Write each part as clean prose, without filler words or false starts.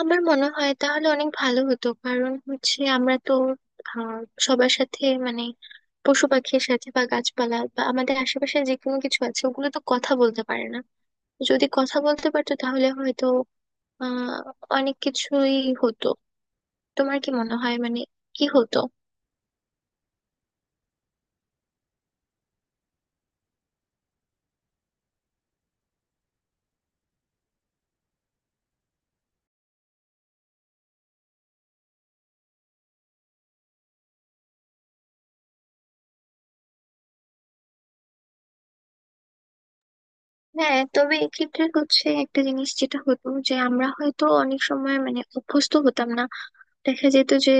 আমার মনে হয় তাহলে অনেক ভালো হতো। কারণ হচ্ছে আমরা তো আহ সবার সাথে মানে পশু পাখির সাথে বা গাছপালা বা আমাদের আশেপাশে যে কোনো কিছু আছে ওগুলো তো কথা বলতে পারে না। যদি কথা বলতে পারতো তাহলে হয়তো আহ অনেক কিছুই হতো। তোমার কি মনে হয় মানে কি হতো? হ্যাঁ, তবে এক্ষেত্রে হচ্ছে একটা জিনিস যেটা হতো, যে আমরা হয়তো অনেক সময় মানে অভ্যস্ত হতাম না। দেখা যেত যে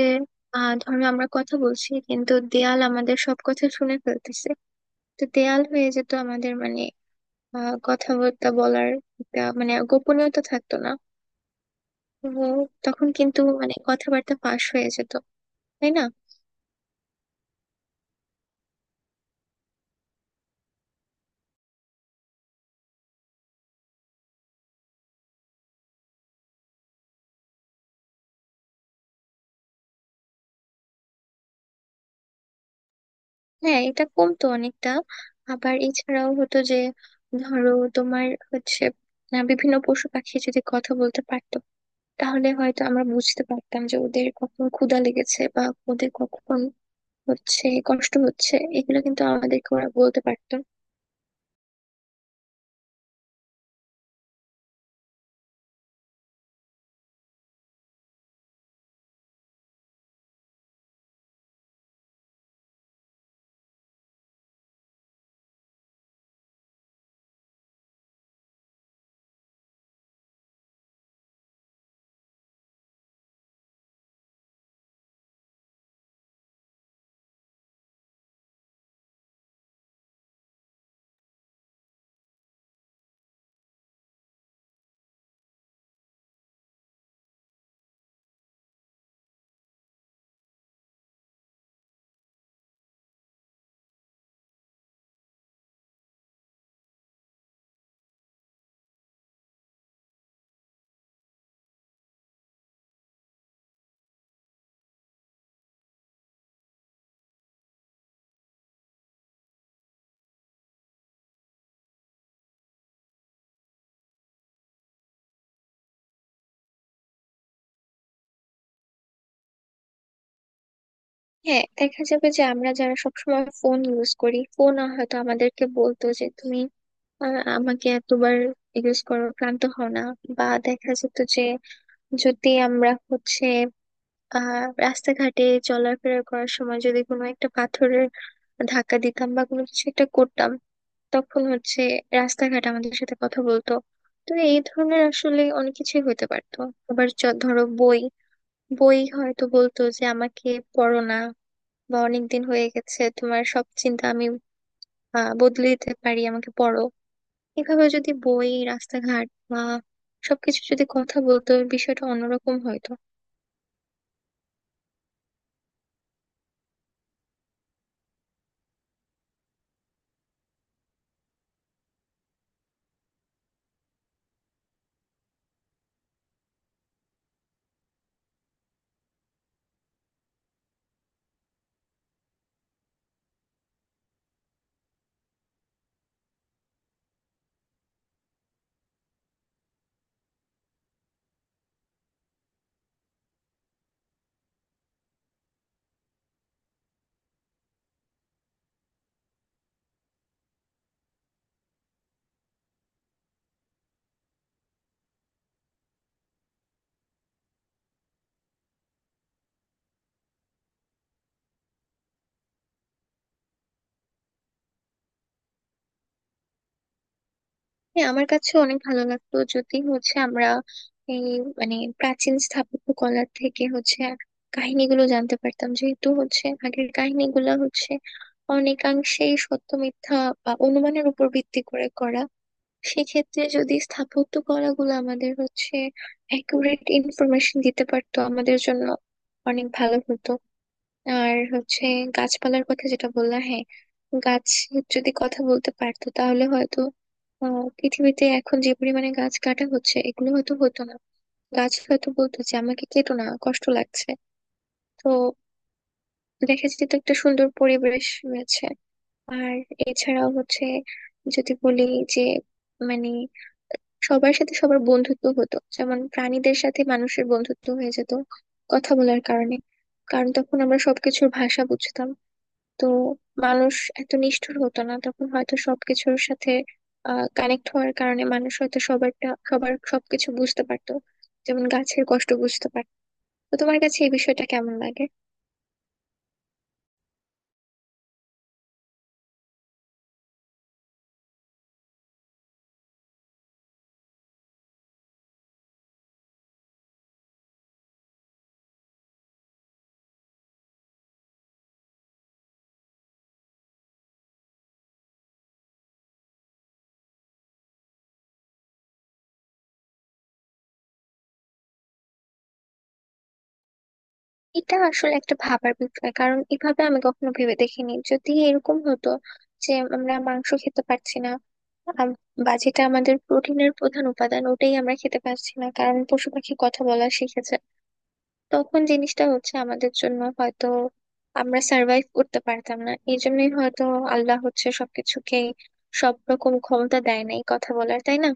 ধরো আমরা কথা বলছি কিন্তু দেয়াল আমাদের সব কথা শুনে ফেলতেছে। তো দেয়াল হয়ে যেত আমাদের মানে কথাবার্তা বলার একটা মানে গোপনীয়তা থাকতো না। তো তখন কিন্তু মানে কথাবার্তা ফাঁস হয়ে যেত, তাই না? হ্যাঁ, এটা কমতো অনেকটা। আবার এছাড়াও হতো যে ধরো তোমার হচ্ছে বিভিন্ন পশু পাখি যদি কথা বলতে পারতো তাহলে হয়তো আমরা বুঝতে পারতাম যে ওদের কখন ক্ষুধা লেগেছে বা ওদের কখন হচ্ছে কষ্ট হচ্ছে, এগুলো কিন্তু আমাদেরকে ওরা বলতে পারতো। হ্যাঁ, দেখা যাবে যে আমরা যারা সবসময় ফোন ইউজ করি, ফোন হয়তো আমাদেরকে বলতো যে তুমি আমাকে এতবার ইউজ করো, ক্লান্ত হও না? বা দেখা যেত যে যদি আমরা হচ্ছে রাস্তাঘাটে চলাফেরা করার সময় যদি কোনো একটা পাথরের ধাক্কা দিতাম বা কোনো কিছু একটা করতাম, তখন হচ্ছে রাস্তাঘাট আমাদের সাথে কথা বলতো। তো এই ধরনের আসলে অনেক কিছুই হতে পারতো। আবার ধরো বই, বই হয়তো বলতো যে আমাকে পড়ো না, বা অনেক দিন হয়ে গেছে, তোমার সব চিন্তা আমি বদলে দিতে পারি, আমাকে পড়ো। এভাবে যদি বই, রাস্তাঘাট বা সবকিছু যদি কথা বলতো, বিষয়টা অন্যরকম হয়তো। হ্যাঁ, আমার কাছে অনেক ভালো লাগতো যদি হচ্ছে আমরা এই মানে প্রাচীন স্থাপত্য কলার থেকে হচ্ছে কাহিনীগুলো জানতে পারতাম। যেহেতু হচ্ছে আগের কাহিনীগুলো হচ্ছে অনেকাংশেই সত্য মিথ্যা বা অনুমানের উপর ভিত্তি করে করা, সেক্ষেত্রে যদি স্থাপত্য কলাগুলো আমাদের হচ্ছে অ্যাকুরেট ইনফরমেশন দিতে পারতো, আমাদের জন্য অনেক ভালো হতো। আর হচ্ছে গাছপালার কথা যেটা বললাম, হ্যাঁ, গাছ যদি কথা বলতে পারতো তাহলে হয়তো পৃথিবীতে এখন যে পরিমাণে গাছ কাটা হচ্ছে, এগুলো হয়তো হতো না। গাছ হয়তো বলতো যে আমাকে কেটো না, কষ্ট লাগছে। তো দেখা যেত একটা সুন্দর পরিবেশ রয়েছে। আর এছাড়াও হচ্ছে, যদি বলি যে মানে সবার সাথে সবার বন্ধুত্ব হতো, যেমন প্রাণীদের সাথে মানুষের বন্ধুত্ব হয়ে যেত কথা বলার কারণে। কারণ তখন আমরা সবকিছুর ভাষা বুঝতাম। তো মানুষ এত নিষ্ঠুর হতো না তখন হয়তো। সবকিছুর সাথে কানেক্ট হওয়ার কারণে মানুষ হয়তো সবারটা, সবার সবকিছু বুঝতে পারতো, যেমন গাছের কষ্ট বুঝতে পারতো। তো তোমার কাছে এই বিষয়টা কেমন লাগে? এটা আসলে একটা ভাবার বিষয়। কারণ এভাবে আমি কখনো ভেবে দেখিনি, যদি এরকম হতো যে আমরা মাংস খেতে পারছি না। আম- বা যেটা আমাদের প্রোটিনের প্রধান উপাদান, ওটাই আমরা খেতে পারছি না কারণ পশু পাখি কথা বলা শিখেছে। তখন জিনিসটা হচ্ছে আমাদের জন্য হয়তো আমরা সার্ভাইভ করতে পারতাম না। এই জন্যই হয়তো আল্লাহ হচ্ছে সবকিছুকে সব রকম ক্ষমতা দেয় নাই কথা বলার, তাই না?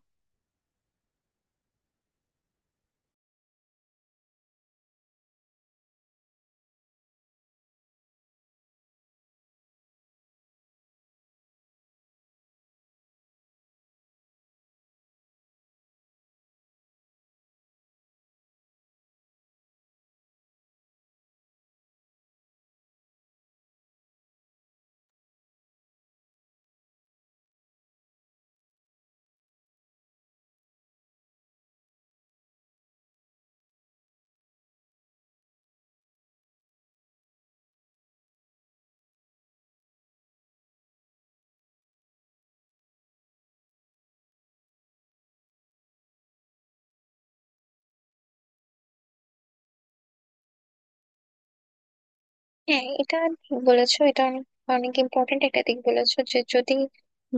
হ্যাঁ, এটা ঠিক বলেছো। এটা অনেক অনেক ইম্পর্টেন্ট একটা দিক বলেছো যে যদি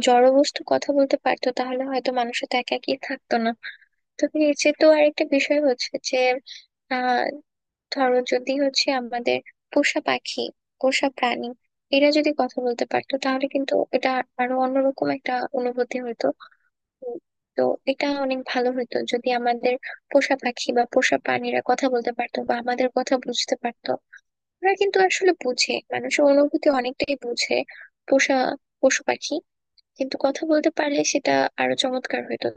জড়বস্তু কথা বলতে পারতো তাহলে হয়তো মানুষ তো একা একই থাকতো না। তবে এর চেয়ে তো আরেকটা বিষয় হচ্ছে যে আহ ধরো যদি হচ্ছে আমাদের পোষা পাখি, পোষা প্রাণী, এরা যদি কথা বলতে পারতো তাহলে কিন্তু এটা আরো অন্যরকম একটা অনুভূতি হতো। উম, তো এটা অনেক ভালো হতো যদি আমাদের পোষা পাখি বা পোষা প্রাণীরা কথা বলতে পারতো বা আমাদের কথা বুঝতে পারতো। আমরা কিন্তু আসলে বুঝে, মানুষের অনুভূতি অনেকটাই বুঝে পোষা পশু পাখি, কিন্তু কথা বলতে পারলে সেটা আরো চমৎকার হতো।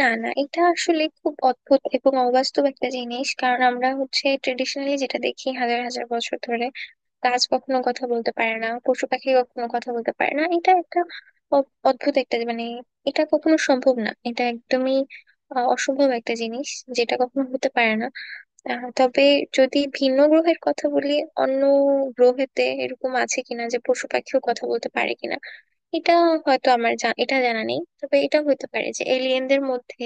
না না, এটা আসলে খুব অদ্ভুত এবং অবাস্তব একটা জিনিস। কারণ আমরা হচ্ছে ট্রেডিশনালি যেটা দেখি হাজার হাজার বছর ধরে, গাছ কখনো কথা বলতে পারে না, পশু পাখি কখনো কথা বলতে পারে না। এটা একটা অদ্ভুত একটা মানে, এটা কখনো সম্ভব না, এটা একদমই অসম্ভব একটা জিনিস যেটা কখনো হতে পারে না। তবে যদি ভিন্ন গ্রহের কথা বলি, অন্য গ্রহেতে এরকম আছে কিনা যে পশু পাখিও কথা বলতে পারে কিনা, এটা হয়তো আমার এটা জানা নেই। তবে এটা হতে পারে যে এলিয়েনদের মধ্যে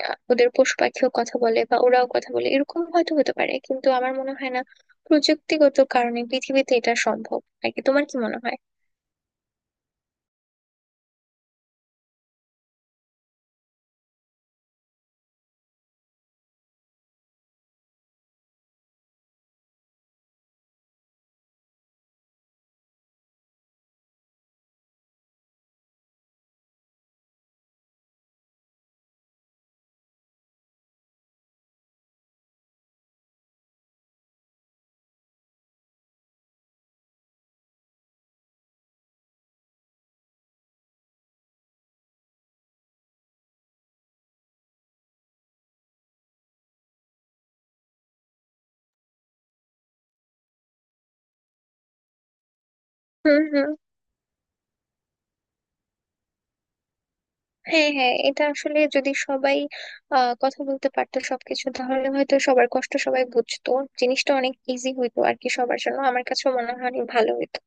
ওদের পশু পাখিও কথা বলে বা ওরাও কথা বলে, এরকম হয়তো হতে পারে। কিন্তু আমার মনে হয় না প্রযুক্তিগত কারণে পৃথিবীতে এটা সম্ভব আর কি। তোমার কি মনে হয়? হুম হুম। হ্যাঁ হ্যাঁ, এটা আসলে যদি সবাই কথা বলতে পারতো, সবকিছু, তাহলে হয়তো সবার কষ্ট সবাই বুঝতো। জিনিসটা অনেক ইজি হইতো আর কি সবার জন্য। আমার কাছেও মনে হয় অনেক ভালো হইতো।